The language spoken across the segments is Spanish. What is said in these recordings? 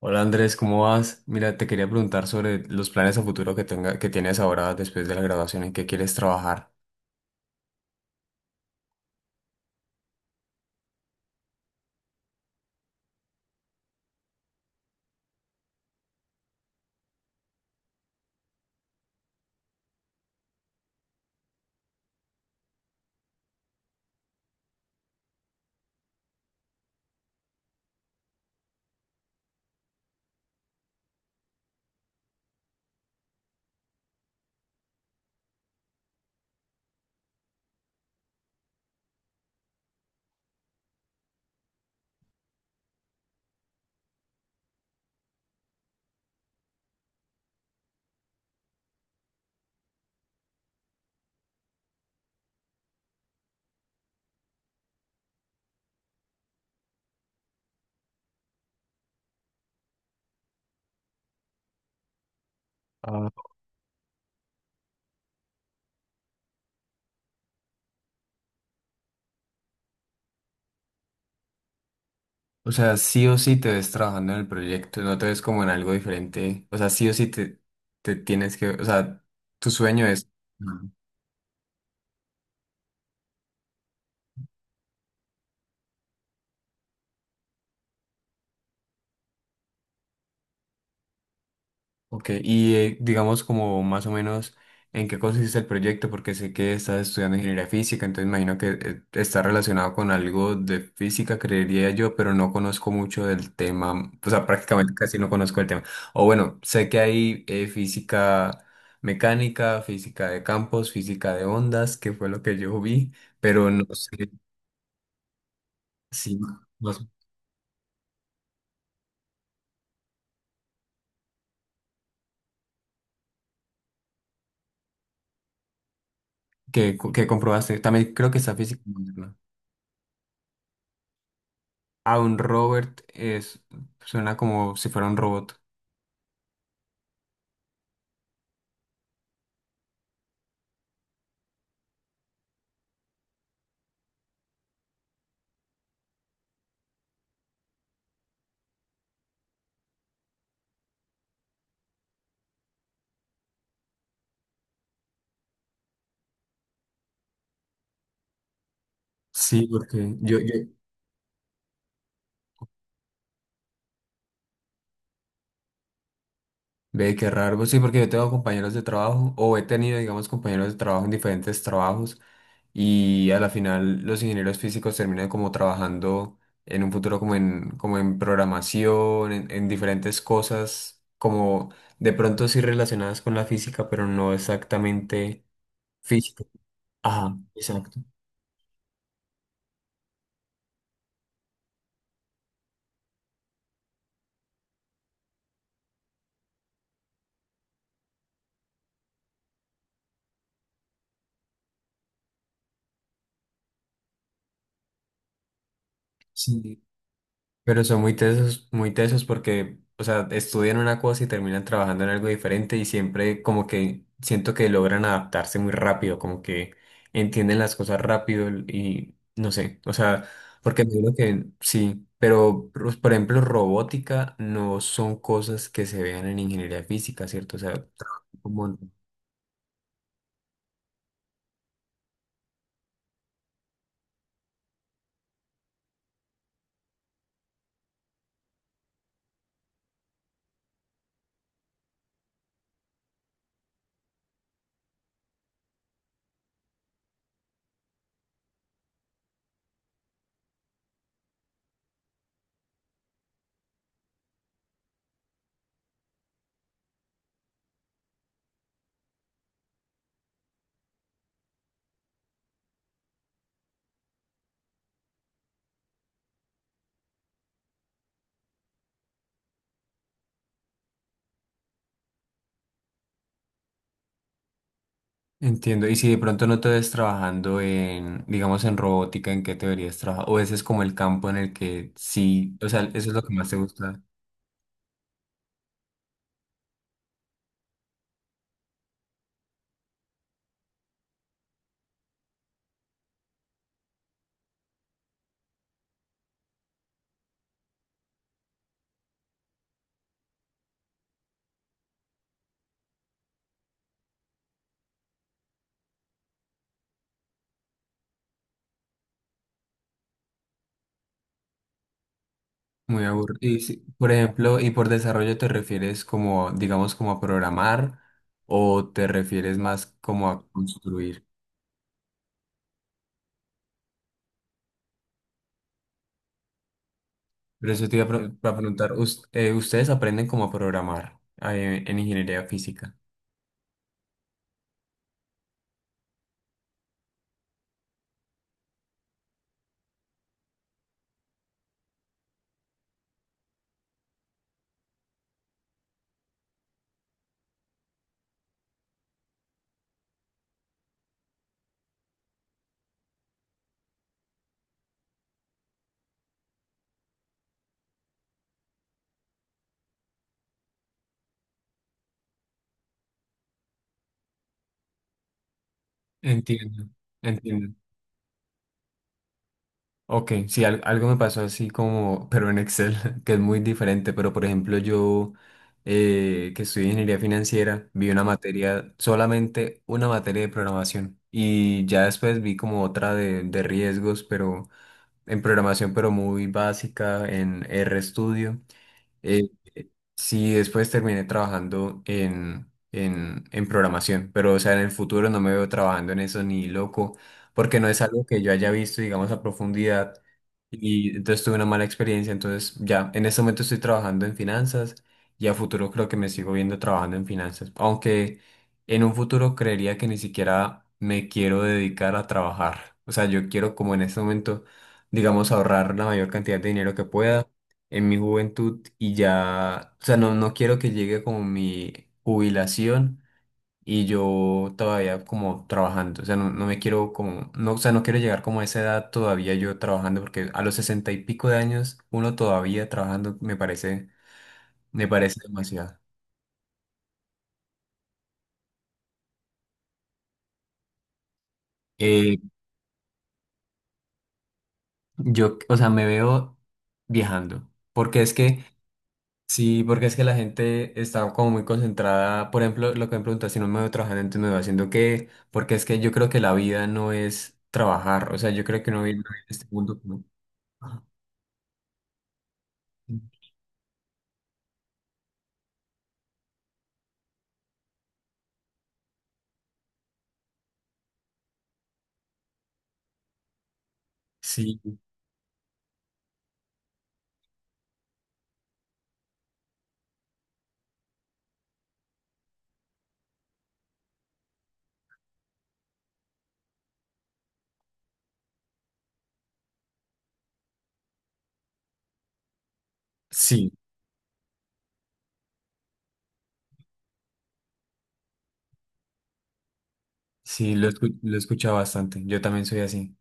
Hola Andrés, ¿cómo vas? Mira, te quería preguntar sobre los planes a futuro que tienes ahora después de la graduación, en qué quieres trabajar. O sea, sí o sí te ves trabajando en el proyecto, no te ves como en algo diferente. O sea, te tienes que, o sea, tu sueño es... Ok, y digamos, como más o menos en qué consiste el proyecto, porque sé que estás estudiando ingeniería física, entonces imagino que está relacionado con algo de física, creería yo, pero no conozco mucho del tema, o sea, prácticamente casi no conozco el tema. O bueno, sé que hay física mecánica, física de campos, física de ondas, que fue lo que yo vi, pero no sé si más, que comprobaste. También creo que está física moderna. A un Robert es, suena como si fuera un robot. Sí, porque ve qué raro. Pues sí, porque yo tengo compañeros de trabajo, o he tenido, digamos, compañeros de trabajo en diferentes trabajos, y a la final los ingenieros físicos terminan como trabajando en un futuro como como en programación, en diferentes cosas, como de pronto sí relacionadas con la física, pero no exactamente física. Ajá, exacto. Sí, pero son muy tesos porque, o sea, estudian una cosa y terminan trabajando en algo diferente y siempre como que siento que logran adaptarse muy rápido, como que entienden las cosas rápido y no sé, o sea, porque me digo que sí, pero pues, por ejemplo, robótica no son cosas que se vean en ingeniería física, ¿cierto? O sea, como entiendo. Y si de pronto no te ves trabajando en, digamos, en robótica, ¿en qué te deberías trabajar? O ese es como el campo en el que sí, o sea, eso es lo que más te gusta. Muy aburrido. Y si- por ejemplo, ¿y por desarrollo te refieres como, digamos, como a programar o te refieres más como a construir? Pero eso te iba a, pre- para preguntar, ¿us- ustedes aprenden como a programar en ingeniería física? Entiendo, entiendo. Ok, sí, al- algo me pasó así como, pero en Excel, que es muy diferente, pero por ejemplo yo, que estudié ingeniería financiera, vi una materia, solamente una materia de programación y ya después vi como otra de riesgos, pero en programación, pero muy básica, en RStudio. Eh, eh, sí, después terminé trabajando en programación, pero o sea, en el futuro no me veo trabajando en eso ni loco, porque no es algo que yo haya visto, digamos, a profundidad. Y entonces tuve una mala experiencia, entonces ya en este momento estoy trabajando en finanzas y a futuro creo que me sigo viendo trabajando en finanzas, aunque en un futuro creería que ni siquiera me quiero dedicar a trabajar. O sea, yo quiero como en este momento, digamos, ahorrar la mayor cantidad de dinero que pueda en mi juventud y ya, o sea, no, no quiero que llegue como mi jubilación y yo todavía como trabajando, o sea, no, no me quiero como, no, o sea, no quiero llegar como a esa edad todavía yo trabajando porque a los sesenta y pico de años uno todavía trabajando me parece demasiado. Eh, yo, o sea, me veo viajando porque es que sí, porque es que la gente está como muy concentrada. Por ejemplo, lo que me preguntas, si no me veo trabajando, entonces me veo haciendo qué. Porque es que yo creo que la vida no es trabajar. O sea, yo creo que uno vive en este mundo como... "Ah, sí, sí, sí, lo, escu- lo he escuchado bastante. Yo también soy así.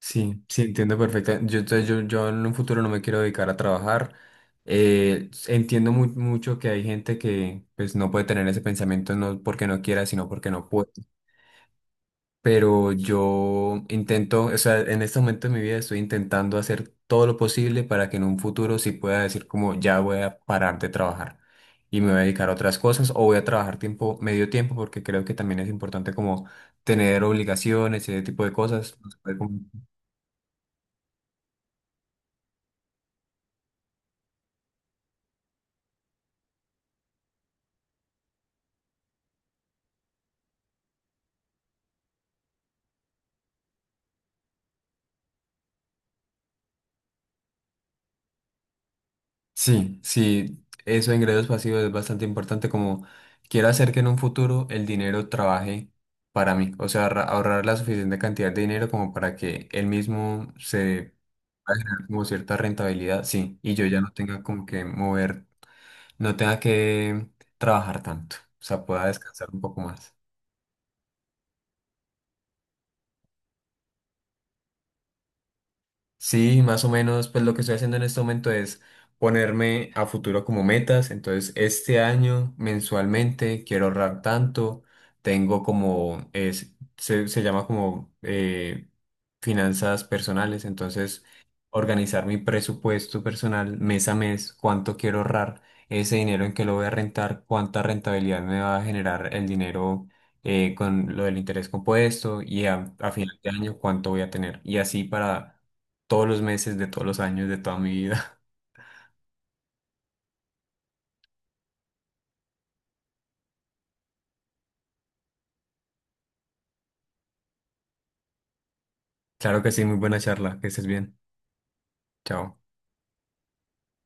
Sí, sí, entiendo perfectamente. Entonces, yo en un futuro no me quiero dedicar a trabajar. Entiendo mu- mucho que hay gente que pues no puede tener ese pensamiento no porque no quiera, sino porque no puede. Pero yo intento, o sea, en este momento de mi vida estoy intentando hacer todo lo posible para que en un futuro sí pueda decir como ya voy a parar de trabajar y me voy a dedicar a otras cosas o voy a trabajar tiempo, medio tiempo, porque creo que también es importante como tener obligaciones y ese tipo de cosas. No se puede como- Sí, sí, eso de ingresos pasivos es bastante importante como quiero hacer que en un futuro el dinero trabaje para mí, o sea, ahorra- ahorrar la suficiente cantidad de dinero como para que él mismo se a generar como cierta rentabilidad, sí, y yo ya no tenga como que mover, no tenga que trabajar tanto, o sea, pueda descansar un poco más. Sí, más o menos, pues lo que estoy haciendo en este momento es ponerme a futuro como metas. Entonces, este año mensualmente quiero ahorrar tanto. Tengo como, es, se llama como finanzas personales. Entonces, organizar mi presupuesto personal mes a mes, cuánto quiero ahorrar, ese dinero en que lo voy a rentar, cuánta rentabilidad me va a generar el dinero con lo del interés compuesto y a final de año cuánto voy a tener. Y así para todos los meses, de todos los años, de toda mi vida. Claro que sí, muy buena charla, que estés bien. Chao.